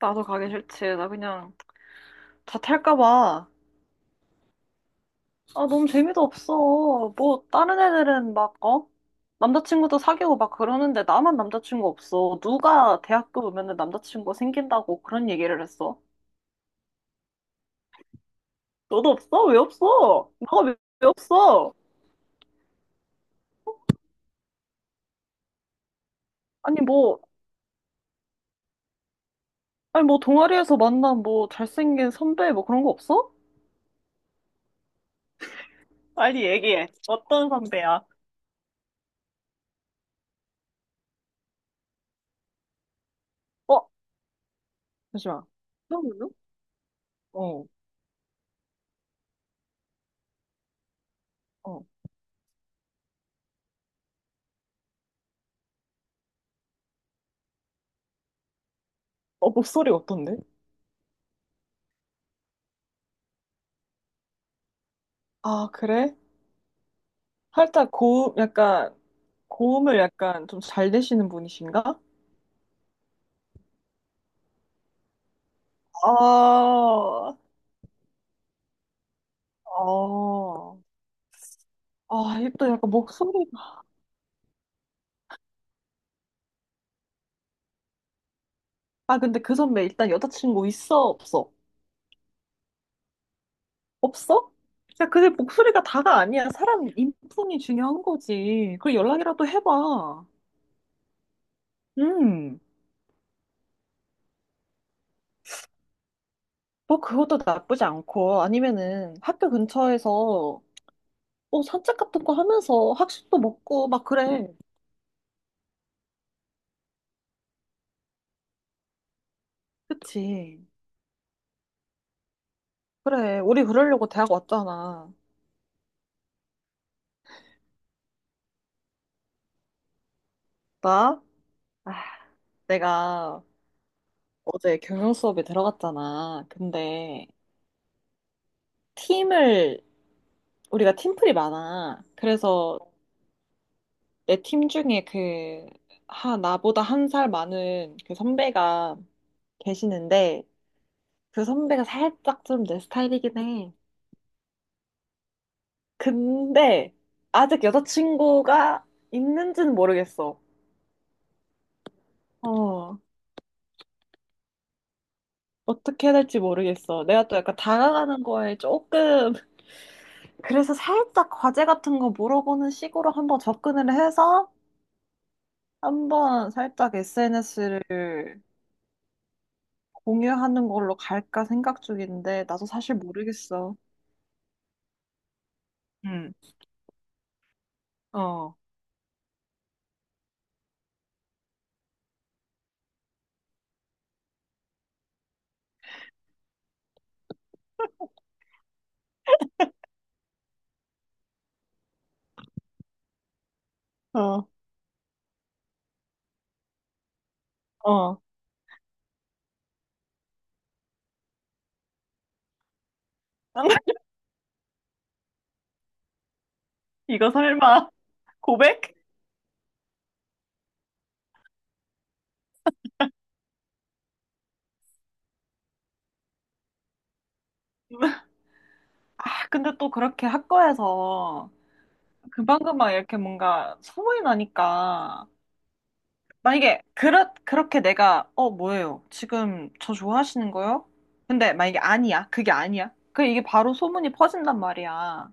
나도 가기 싫지. 나 그냥 자퇴할까 봐. 아, 너무 재미도 없어. 뭐, 다른 애들은 막, 어? 남자친구도 사귀고 막 그러는데 나만 남자친구 없어. 누가 대학교 오면은 남자친구 생긴다고 그런 얘기를 했어? 너도 없어? 왜 없어? 나가 왜, 왜 없어? 아니, 뭐, 아니, 뭐, 동아리에서 만난 뭐, 잘생긴 선배 뭐 그런 거 없어? 빨리 얘기해. 어떤 선배야? 어? 잠시만. 그럼요? 어, 어. 어, 목소리 어떤데? 아, 그래? 살짝 고음, 약간, 고음을 약간 좀 잘 내시는 분이신가? 아... 아... 아, 일단 약간 목소리가. 아, 근데 그 선배 일단 여자친구 있어, 없어? 없어? 야, 근데 목소리가 다가 아니야. 사람 인품이 중요한 거지. 그리고 연락이라도 해봐. 음, 뭐 그것도 나쁘지 않고, 아니면은 학교 근처에서 뭐 산책 같은 거 하면서 학식도 먹고 막 그래. 그치. 그래, 우리 그러려고 대학 왔잖아. 나? 아, 내가 어제 경영 수업에 들어갔잖아. 근데 팀을, 우리가 팀플이 많아. 그래서 내 팀 중에 그, 하, 나보다 한 살 많은 그 선배가 계시는데 그 선배가 살짝 좀 내 스타일이긴 해. 근데 아직 여자친구가 있는지는 모르겠어. 어, 어떻게 해야 될지 모르겠어. 내가 또 약간 다가가는 거에 조금 그래서 살짝 과제 같은 거 물어보는 식으로 한번 접근을 해서 한번 살짝 SNS를 공유하는 걸로 갈까 생각 중인데 나도 사실 모르겠어. 응, 어, 어, 어. 이거 설마 고백? 아, 근데 또 그렇게 학과에서 금방금방 이렇게 뭔가 소문이 나니까 만약에 그렇게 내가 어 뭐예요? 지금 저 좋아하시는 거요? 근데 만약에 아니야. 그게 아니야. 그 이게 바로 소문이 퍼진단 말이야.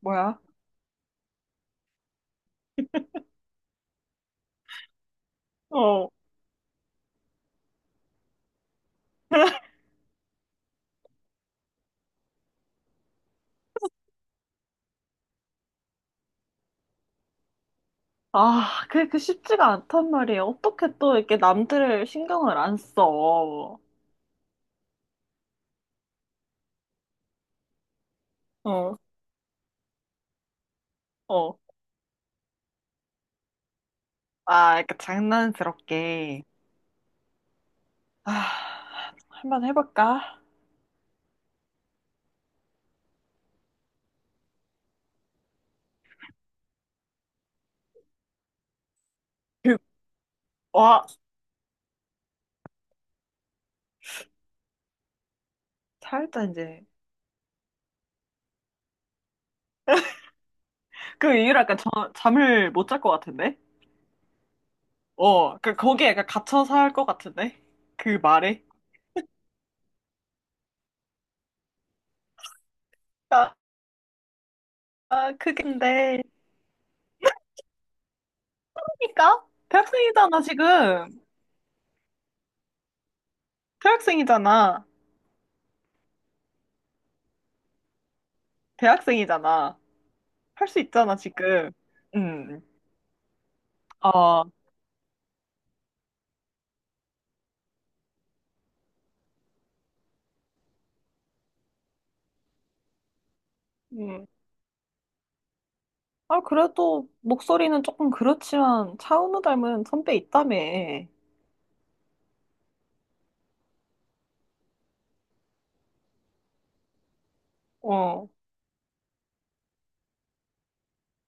뭐야? 어. 아, 그게 그 쉽지가 않단 말이에요. 어떻게 또 이렇게 남들을 신경을 안 써. 어, 어. 아, 이렇게 장난스럽게. 아, 한번 해볼까? 그, 와, 살짝 이제. 그 이후로 약간 저, 잠을 못 잘 것 같은데? 어, 그, 거기에 약간 갇혀 살 것 같은데? 그 말에? 아, 아, 그게 근데, 그러니까? 대학생이잖아, 지금. 대학생이잖아. 대학생이잖아. 할 수 있잖아, 지금. 음, 아, 음. 아, 그래도 목소리는 조금 그렇지만 차은우 닮은 선배 있다며. 어,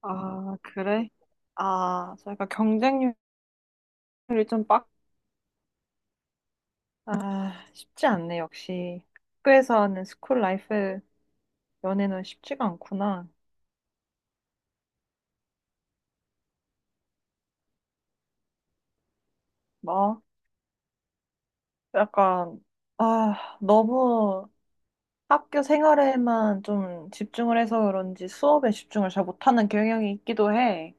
아, 그래? 아, 저 약간 경쟁률이 좀 빡, 아, 쉽지 않네, 역시. 학교에서 하는 스쿨 라이프 연애는 쉽지가 않구나. 막 약간 아 너무 학교 생활에만 좀 집중을 해서 그런지 수업에 집중을 잘 못하는 경향이 있기도 해.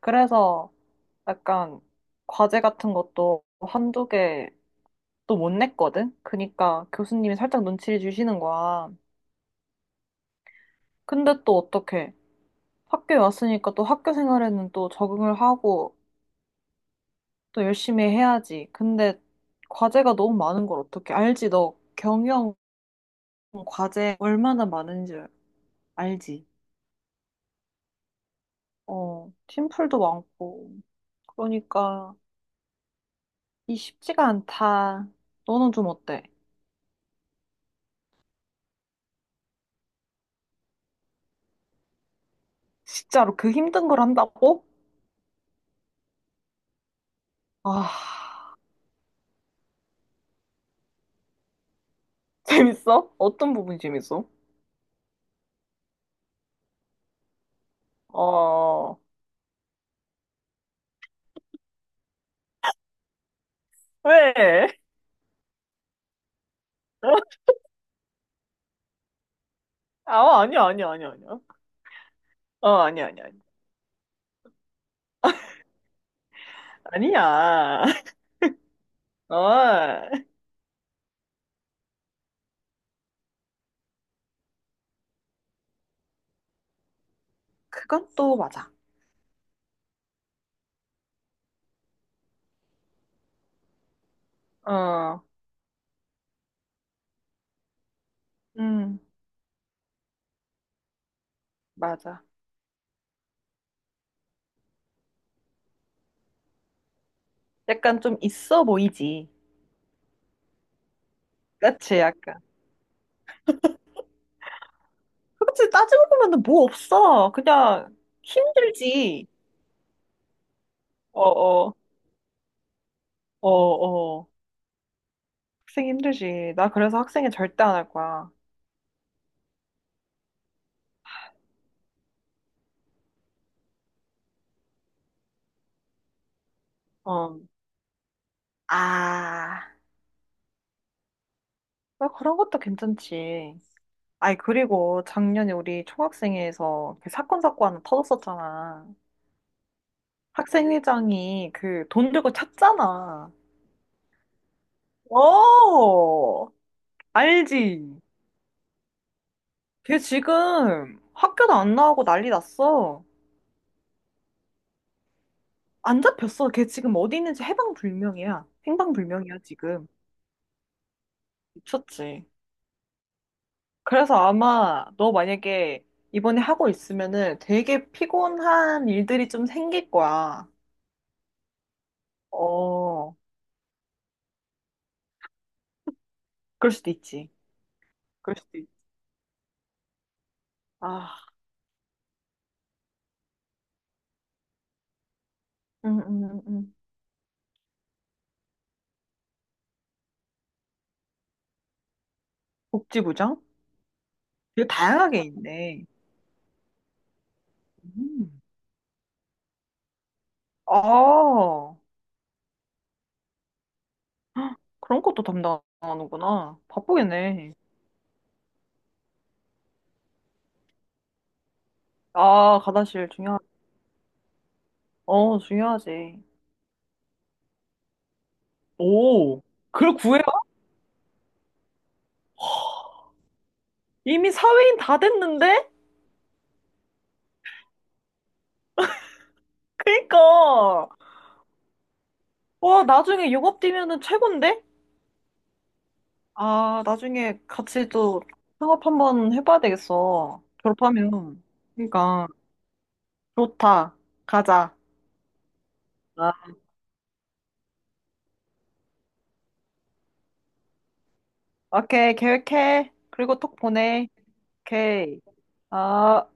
그래서 약간 과제 같은 것도 한두 개 또 못 냈거든. 그러니까 교수님이 살짝 눈치를 주시는 거야. 근데 또 어떻게 학교에 왔으니까 또 학교 생활에는 또 적응을 하고 또 열심히 해야지. 근데 과제가 너무 많은 걸 어떻게 알지? 너 경영 과제 얼마나 많은지 알지? 어, 팀플도 많고. 그러니까 이 쉽지가 않다. 너는 좀 어때? 진짜로 그 힘든 걸 한다고? 아, 재밌어? 어떤 부분이 재밌어? 어, 왜? 아, 아니야, 아니야, 아니야, 아니야. 어, 아니야, 아니야, 아니야. 아니야. 어, 그건 또 맞아. 어, 어, 음, 맞아. 약간 좀 있어 보이지. 그치, 약간. 그치, 따지고 보면 뭐 없어. 그냥 힘들지. 어, 어, 어, 어. 학생 힘들지. 나 그래서 학생회 절대 안 할 거야. 어. 아, 뭐 그런 것도 괜찮지. 아니, 그리고 작년에 우리 총학생회에서 그 사건, 사고 하나 터졌었잖아. 학생회장이 그 돈 들고 찼잖아. 어, 알지? 걔 지금 학교도 안 나오고 난리 났어. 안 잡혔어. 걔 지금 어디 있는지 해방불명이야. 행방불명이야, 지금. 미쳤지. 그래서 아마 너 만약에 이번에 하고 있으면은 되게 피곤한 일들이 좀 생길 거야. 어, 그럴 수도 있지. 그럴 수도 있지. 아, 음. 복지부장? 되게 다양하게 있네. 음. 아, 그런 것도 담당하는구나. 바쁘겠네. 아, 가다실 중요하, 어, 중요하지. 오, 그걸 구해요? 이미 사회인 다 됐는데? 그니까. 와, 나중에 영업 뛰면은 최곤데? 아, 나중에 같이 또 창업 한번 해봐야 되겠어. 졸업하면. 그러니까, 좋다. 가자. 아, 오케이, 계획해. 그리고 톡 보내. 오케이. 아.